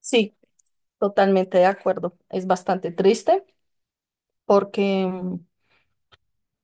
Sí, totalmente de acuerdo. Es bastante triste porque,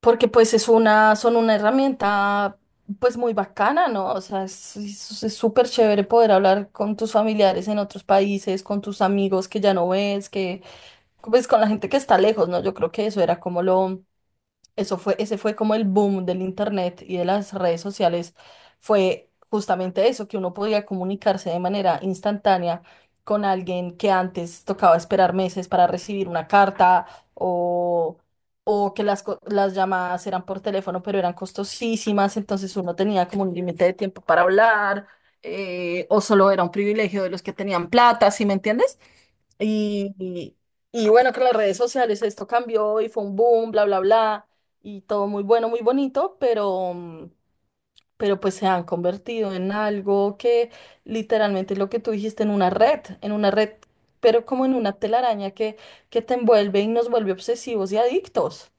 porque es son una herramienta pues muy bacana, ¿no? O sea, es súper chévere poder hablar con tus familiares en otros países, con tus amigos que ya no ves, que pues con la gente que está lejos, ¿no? Yo creo que eso era como lo, Eso fue, ese fue como el boom del internet y de las redes sociales. Fue justamente eso, que uno podía comunicarse de manera instantánea con alguien que antes tocaba esperar meses para recibir una carta o, o que las llamadas eran por teléfono, pero eran costosísimas, entonces uno tenía como un límite de tiempo para hablar, o solo era un privilegio de los que tenían plata, ¿sí me entiendes? Y, y- bueno, con las redes sociales esto cambió y fue un boom, bla, bla, bla, y todo muy bueno, muy bonito, pero, pero pues se han convertido en algo que literalmente lo que tú dijiste, en en una red, pero como en una telaraña que te envuelve y nos vuelve obsesivos y adictos.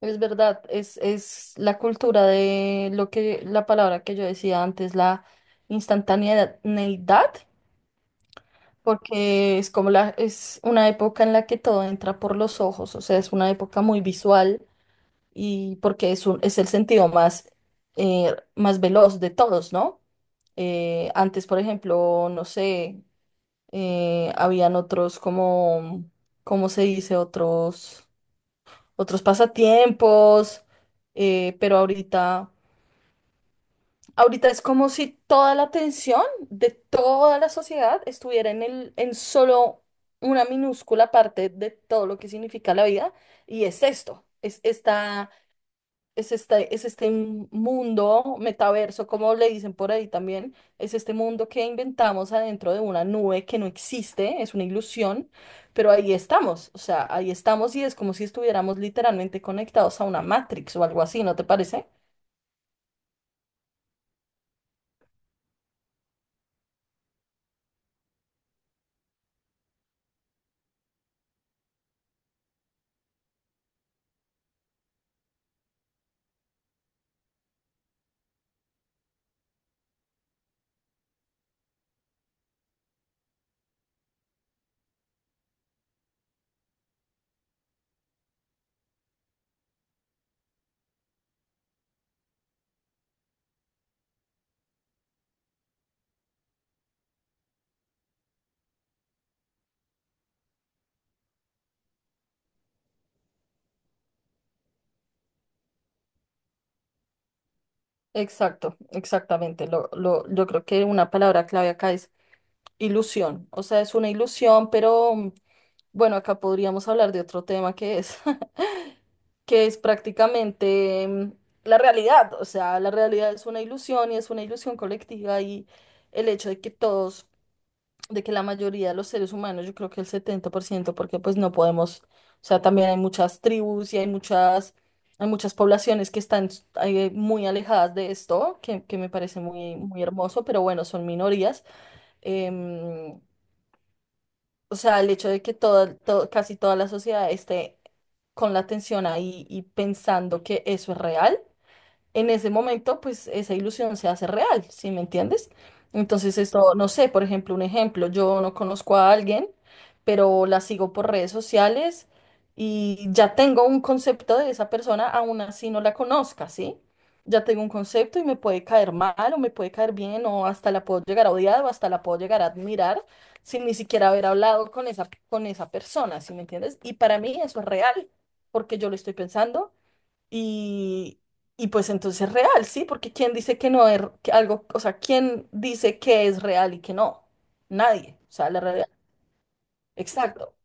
Es verdad, es la cultura de lo que, la palabra que yo decía antes, la instantaneidad, porque es una época en la que todo entra por los ojos, o sea, es una época muy visual y porque es el sentido más, más veloz de todos, ¿no? Antes, por ejemplo, no sé, habían otros como, ¿cómo se dice? Otros pasatiempos, pero ahorita es como si toda la atención de toda la sociedad estuviera en en solo una minúscula parte de todo lo que significa la vida, y es esto, es esta, es este mundo metaverso, como le dicen por ahí también, es este mundo que inventamos adentro de una nube que no existe, es una ilusión, pero ahí estamos, o sea, ahí estamos y es como si estuviéramos literalmente conectados a una Matrix o algo así, ¿no te parece? Exacto, exactamente. Yo creo que una palabra clave acá es ilusión. O sea, es una ilusión, pero, bueno, acá podríamos hablar de otro tema que es, que es prácticamente, la realidad. O sea, la realidad es una ilusión y es una ilusión colectiva, y el hecho de que la mayoría de los seres humanos, yo creo que el 70%, porque pues no podemos, o sea, también hay muchas tribus y hay hay muchas poblaciones que están, muy alejadas de esto, que me parece muy hermoso, pero bueno, son minorías. Em, o sea, el hecho de que casi toda la sociedad esté con la atención ahí y pensando que eso es real en ese momento, pues esa ilusión se hace real, ¿sí me entiendes? Entonces, esto, no sé, por ejemplo, un ejemplo, yo no conozco a alguien, pero la sigo por redes sociales y ya tengo un concepto de esa persona, aún así no la conozca, ¿sí? Ya tengo un concepto y me puede caer mal o me puede caer bien, o hasta la puedo llegar a odiar o hasta la puedo llegar a admirar sin ni siquiera haber hablado con con esa persona, ¿sí me entiendes? Y para mí eso es real, porque yo lo estoy pensando y, y pues entonces es real, ¿sí? Porque ¿quién dice que no es que algo, o sea, ¿quién dice que es real y que no? Nadie. O sea, la realidad. Exacto,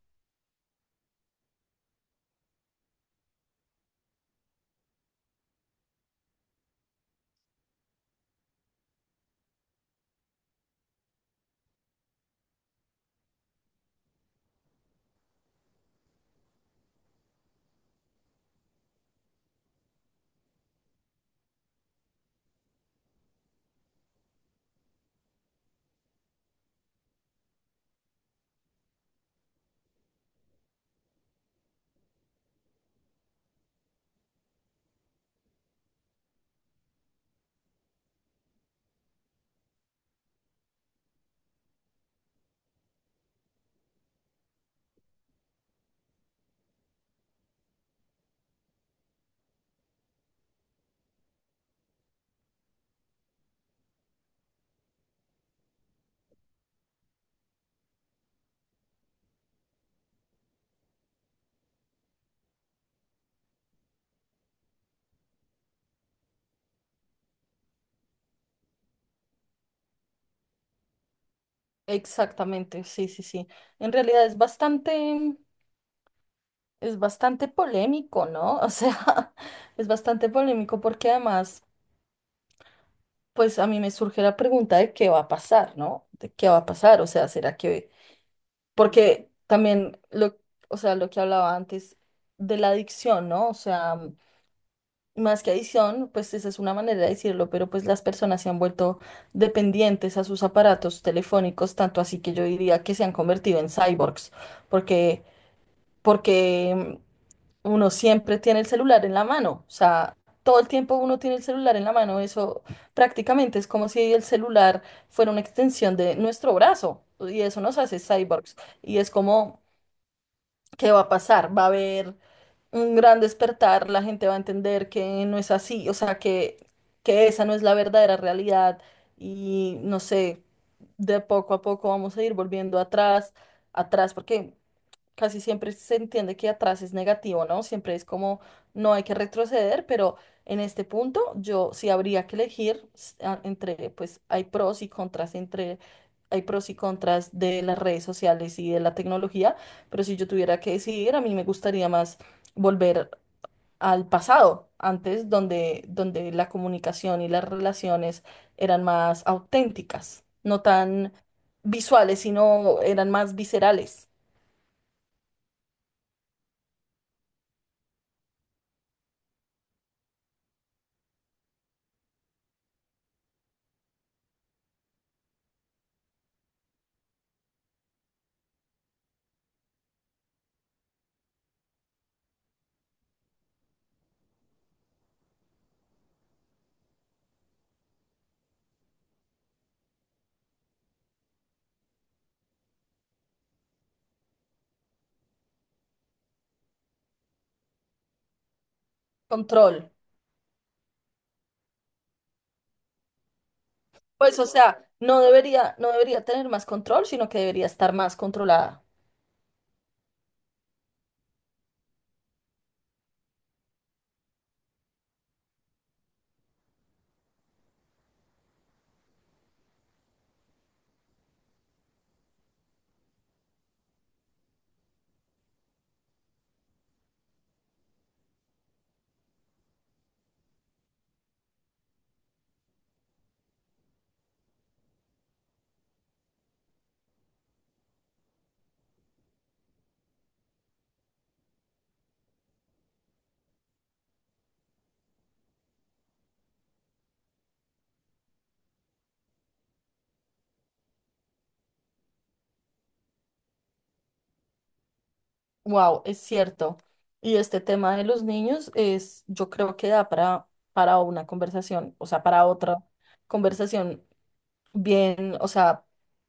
exactamente, sí, sí, sí. En realidad es bastante polémico, ¿no? O sea, es bastante polémico, porque además, pues a mí me surge la pregunta de qué va a pasar, ¿no? De qué va a pasar, o sea, ¿será que...? Porque también, o sea, lo que hablaba antes de la adicción, ¿no? O sea... Más que adicción, pues esa es una manera de decirlo, pero pues las personas se han vuelto dependientes a sus aparatos telefónicos, tanto así que yo diría que se han convertido en cyborgs, porque, porque uno siempre tiene el celular en la mano, o sea, todo el tiempo uno tiene el celular en la mano, eso prácticamente es como si el celular fuera una extensión de nuestro brazo, y eso nos hace cyborgs, y es como, ¿qué va a pasar? Va a haber un gran despertar, la gente va a entender que no es así, o sea, que esa no es la verdadera realidad y no sé, de poco a poco vamos a ir volviendo atrás, atrás, porque casi siempre se entiende que atrás es negativo, ¿no? Siempre es como no hay que retroceder, pero en este punto yo sí habría que elegir entre, pues hay pros y contras hay pros y contras de las redes sociales y de la tecnología, pero si yo tuviera que decidir, a mí me gustaría más volver al pasado, antes donde la comunicación y las relaciones eran más auténticas, no tan visuales, sino eran más viscerales. Control. Pues, o sea, no debería tener más control, sino que debería estar más controlada. Wow, es cierto. Y este tema de los niños es, yo creo que da para una conversación, o sea, para otra conversación bien, o sea,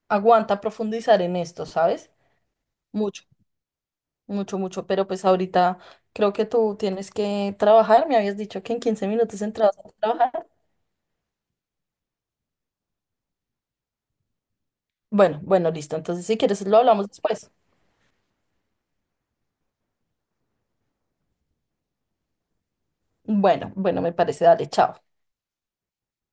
aguanta profundizar en esto, ¿sabes? Mucho, mucho, mucho. Pero pues ahorita creo que tú tienes que trabajar. Me habías dicho que en 15 minutos entrabas a trabajar. Bueno, bueno, listo. Entonces, si quieres, lo hablamos después. Bueno, bueno, me parece, dale, chao.